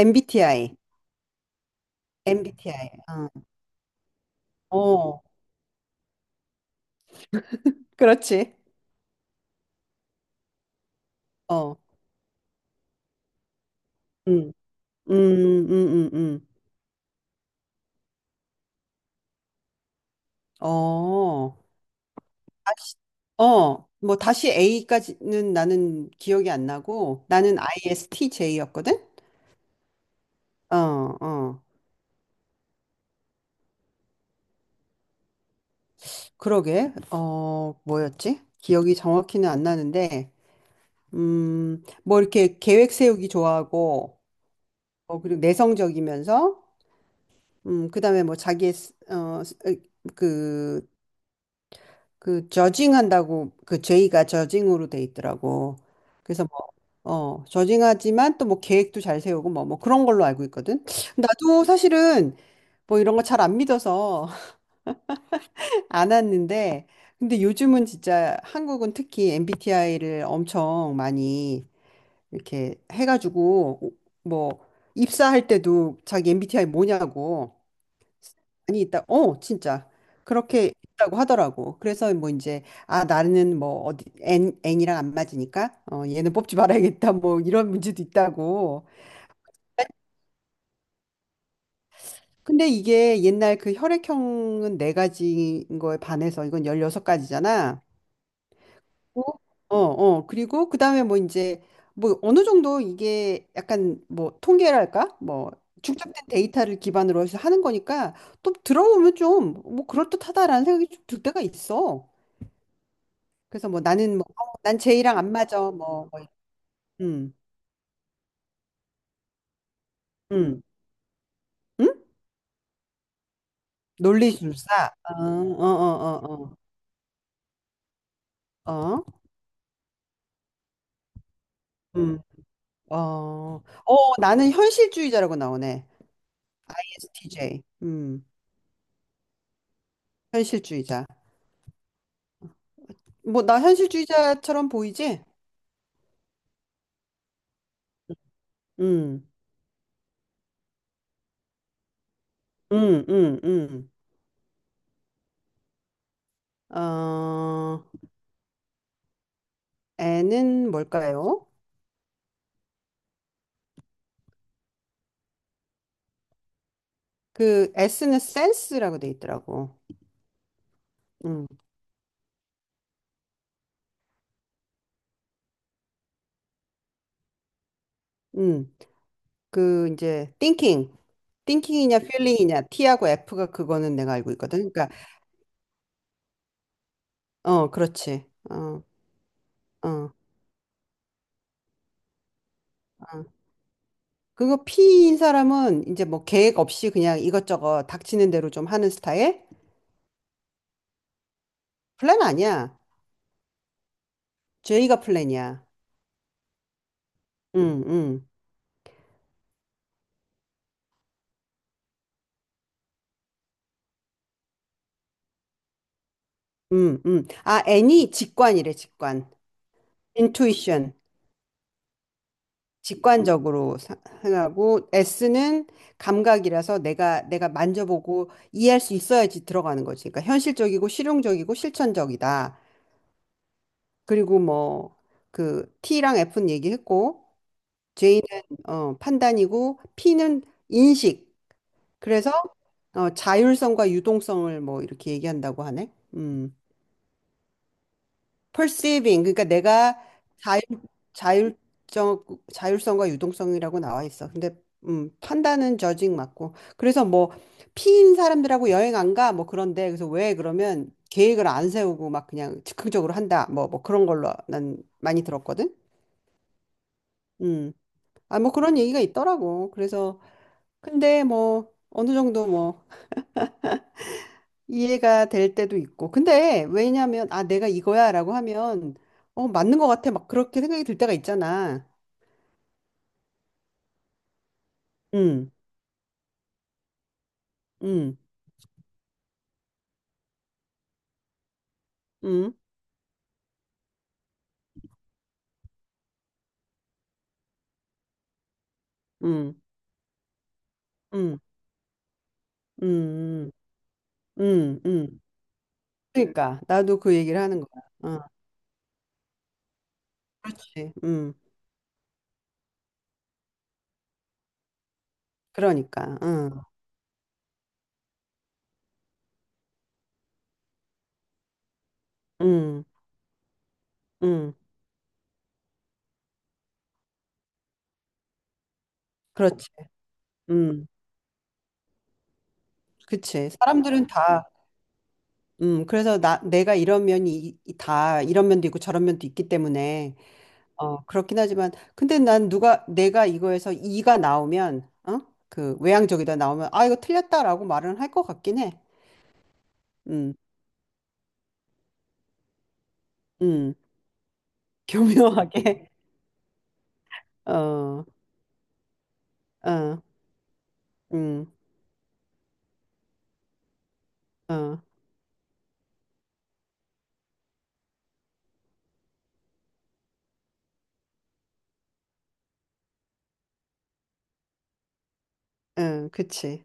MBTI, MBTI. 어, 어, 그렇지. 어, 음, 음, 음, 음, 음. 어, 다시, 뭐 다시 A까지는 나는 기억이 안 나고 나는 ISTJ였거든. 어, 어, 그러게. 뭐였지? 기억이 정확히는 안 나는데, 뭐 이렇게 계획 세우기 좋아하고, 그리고 내성적이면서, 그다음에 뭐 자기의 그 그 저징한다고 그 죄의가 저징으로 돼 있더라고. 그래서 뭐 저징하지만 또 뭐 계획도 잘 세우고 뭐 그런 걸로 알고 있거든. 나도 사실은 뭐 이런 거 잘 안 믿어서 안 왔는데 근데 요즘은 진짜 한국은 특히 MBTI를 엄청 많이 이렇게 해가지고 뭐 입사할 때도 자기 MBTI 뭐냐고 많이 있다. 어, 진짜. 그렇게 있다고 하더라고. 그래서 뭐 이제, 아, 나는 뭐 어디, N이랑 안 맞으니까, 얘는 뽑지 말아야겠다. 뭐 이런 문제도 있다고. 근데 이게 옛날 그 혈액형은 네 가지인 거에 반해서 이건 16가지잖아. 어, 어. 그리고 그 다음에 뭐 이제, 뭐 어느 정도 이게 약간 뭐 통계랄까? 뭐 축적된 데이터를 기반으로 해서 하는 거니까 또 들어보면 좀 뭐 그럴듯하다라는 생각이 좀 들 때가 있어. 그래서 뭐 나는 뭐, 난 제이랑 안 맞아. 뭐 음, 음, 음? 논리술사. 어, 어, 어, 어, 어, 어, 음, 어, 어, 나는 현실주의자라고 나오네. ESTJ. 현실주의자. 뭐, 나 현실주의자처럼 보이지? 음, 음, 음, 음. 어, N은 뭘까요? 그 S는 센스라고 돼 있더라고. 음, 음. 그 이제 thinking, thinking이냐 feeling이냐 T하고 F가 그거는 내가 알고 있거든. 그러니까 그렇지. 어 어 어. 그거 P인 사람은 이제 뭐 계획 없이 그냥 이것저것 닥치는 대로 좀 하는 스타일? 플랜 아니야. J가 플랜이야. 음 음 아 N이 직관이래 직관. intuition. 직관적으로 생각하고 S는 감각이라서 내가 만져보고 이해할 수 있어야지 들어가는 거지. 그러니까 현실적이고 실용적이고 실천적이다. 그리고 뭐 그 T랑 F는 얘기했고 J는 판단이고 P는 인식. 그래서 자율성과 유동성을 뭐 이렇게 얘기한다고 하네. 음. perceiving 그러니까 내가 자율 자율적 자율성과 유동성이라고 나와 있어. 근데 판단은 judging 맞고. 그래서 뭐 피인 사람들하고 여행 안 가? 뭐 그런데 그래서 왜 그러면 계획을 안 세우고 막 그냥 즉흥적으로 한다. 뭐 뭐 그런 걸로 난 많이 들었거든. 음. 아, 뭐 그런 얘기가 있더라고. 그래서 근데 뭐 어느 정도 뭐 이해가 될 때도 있고. 근데 왜냐면 아 내가 이거야라고 하면 맞는 것 같아. 막 그렇게 생각이 들 때가 있잖아. 음, 음, 음, 음, 음, 음, 음, 음. 그러니까 나도 그 얘기를 하는 거야. 어, 그렇지. 그러니까. 음, 음, 그렇지. 음, 그치. 사람들은 다. 그래서 나 내가 이런 면이 다 이런 면도 있고 저런 면도 있기 때문에 어 그렇긴 하지만 근데 난 누가 내가 이거에서 이가 나오면 그 외향적이다 나오면 아 이거 틀렸다라고 말은 할 것 같긴 해. 음, 음, 교묘하게. 어, 어, 음, 어, 응, 그치,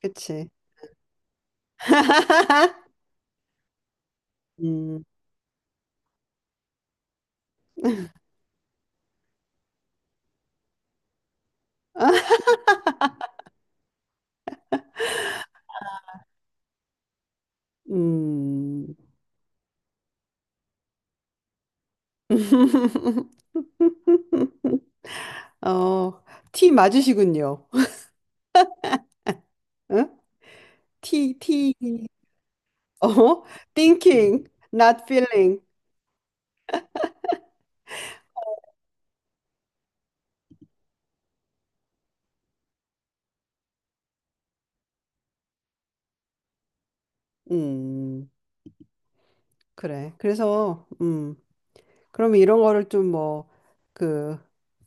그치. 음, 음. 어, 티 맞으시군요. 응? 티, 티, 어, thinking, not feeling. 음, 그래. 그래서, 그러면 이런 거를 좀 뭐, 그,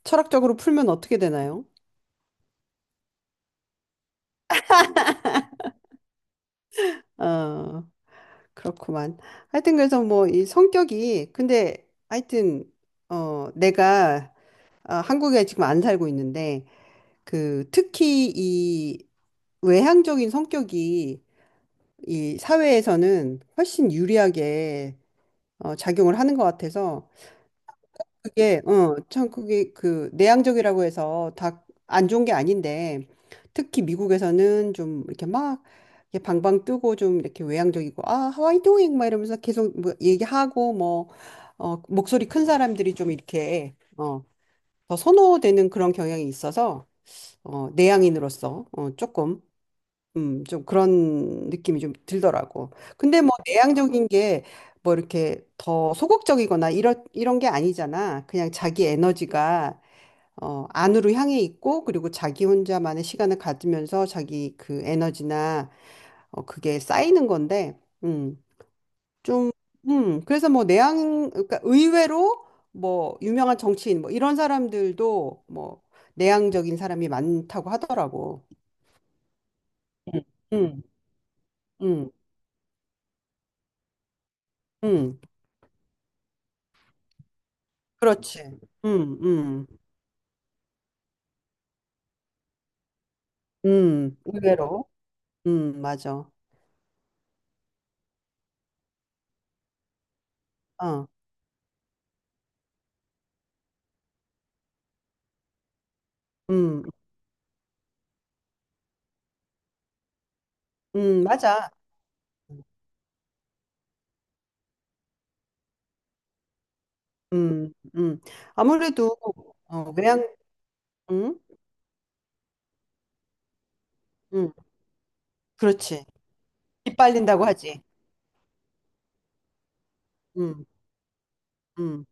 철학적으로 풀면 어떻게 되나요? 어, 그렇구만. 하여튼 그래서 뭐 이 성격이 근데 하여튼 내가 한국에 지금 안 살고 있는데 그 특히 이 외향적인 성격이 이 사회에서는 훨씬 유리하게 작용을 하는 것 같아서 그게 어, 참 그게 그 내향적이라고 해서 다 안 좋은 게 아닌데 특히 미국에서는 좀 이렇게 막 이렇게 방방 뜨고 좀 이렇게 외향적이고 아 하와이 도잉 막 이러면서 계속 뭐 얘기하고 뭐 목소리 큰 사람들이 좀 이렇게 더 선호되는 그런 경향이 있어서 내향인으로서 조금 좀 그런 느낌이 좀 들더라고. 근데 뭐 내향적인 게 뭐 이렇게 더 소극적이거나 이런 게 아니잖아. 그냥 자기 에너지가 안으로 향해 있고 그리고 자기 혼자만의 시간을 가지면서 자기 그 에너지나 그게 쌓이는 건데 음, 좀 그래서 뭐 내향 그러니까 의외로 뭐 유명한 정치인 뭐 이런 사람들도 뭐 내향적인 사람이 많다고 하더라고. 음. 음, 음, 음. 그렇지. 음, 음, 의외로. 맞아. 어, 음, 맞아. 음, 음. 아무래도, 외양, 음, 음, 그렇지. 이빨린다고 하지. 음, 음,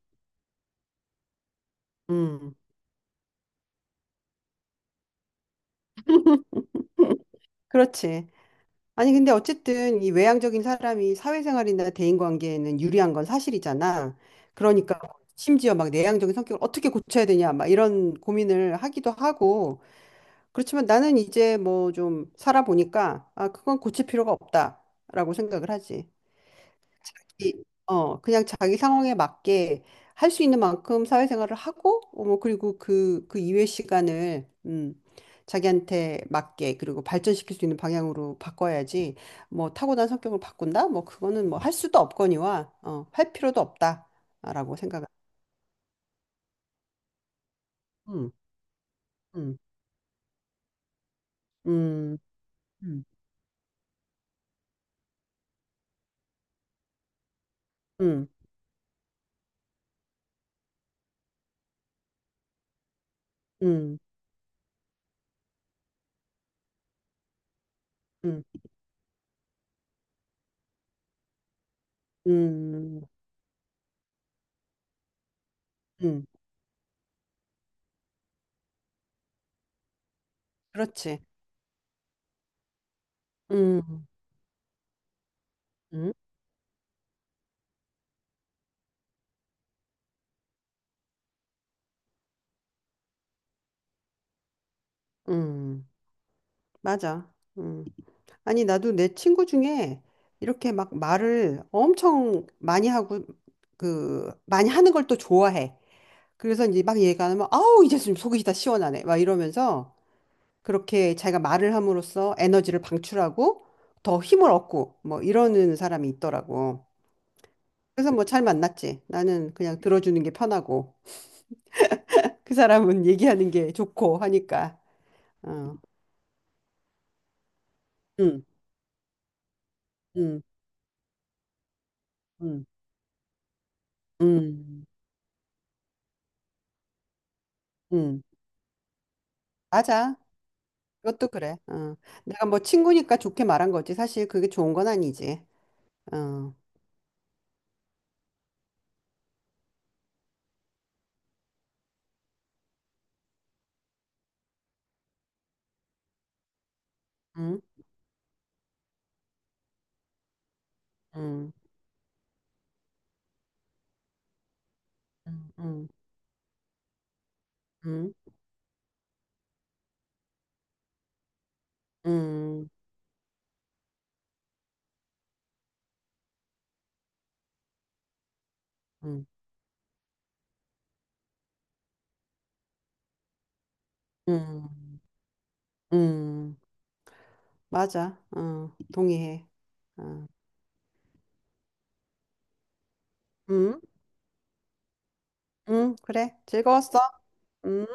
음. 그렇지. 아니, 근데 어쨌든 이 외향적인 사람이 사회생활이나 대인관계에는 유리한 건 사실이잖아. 그러니까 심지어 막 내향적인 성격을 어떻게 고쳐야 되냐, 막 이런 고민을 하기도 하고, 그렇지만 나는 이제 뭐 좀 살아보니까 아, 그건 고칠 필요가 없다라고 생각을 하지. 그냥 자기 상황에 맞게 할 수 있는 만큼 사회생활을 하고 어, 뭐 그리고 그 이외 시간을 자기한테 맞게 그리고 발전시킬 수 있는 방향으로 바꿔야지 뭐 타고난 성격을 바꾼다? 뭐 그거는 뭐 할 수도 없거니와 할 필요도 없다라고 생각을. 음, 음, 음, 음, 음, 음, 음, 음, 음. 음. 그렇지. 음, 음, 음, 맞아. 음. 아니, 나도 내 친구 중에 이렇게 막 말을 엄청 많이 하고, 그, 많이 하는 걸 또 좋아해. 그래서 이제 막 얘기하면, 아우, 이제 좀 속이 다 시원하네. 막 이러면서 그렇게 자기가 말을 함으로써 에너지를 방출하고 더 힘을 얻고 뭐 이러는 사람이 있더라고. 그래서 뭐 잘 만났지. 나는 그냥 들어주는 게 편하고 그 사람은 얘기하는 게 좋고 하니까. 어. 음, 음, 음, 음. 음, 맞아. 그것도 그래. 어. 내가 뭐 친구니까 좋게 말한 거지. 사실 그게 좋은 건 아니지. 어. 음, 음, 음, 음, 음, 음, 음, 음, 음. 맞아. 어, 동의해. 어. 음, 그래. 즐거웠어. 음.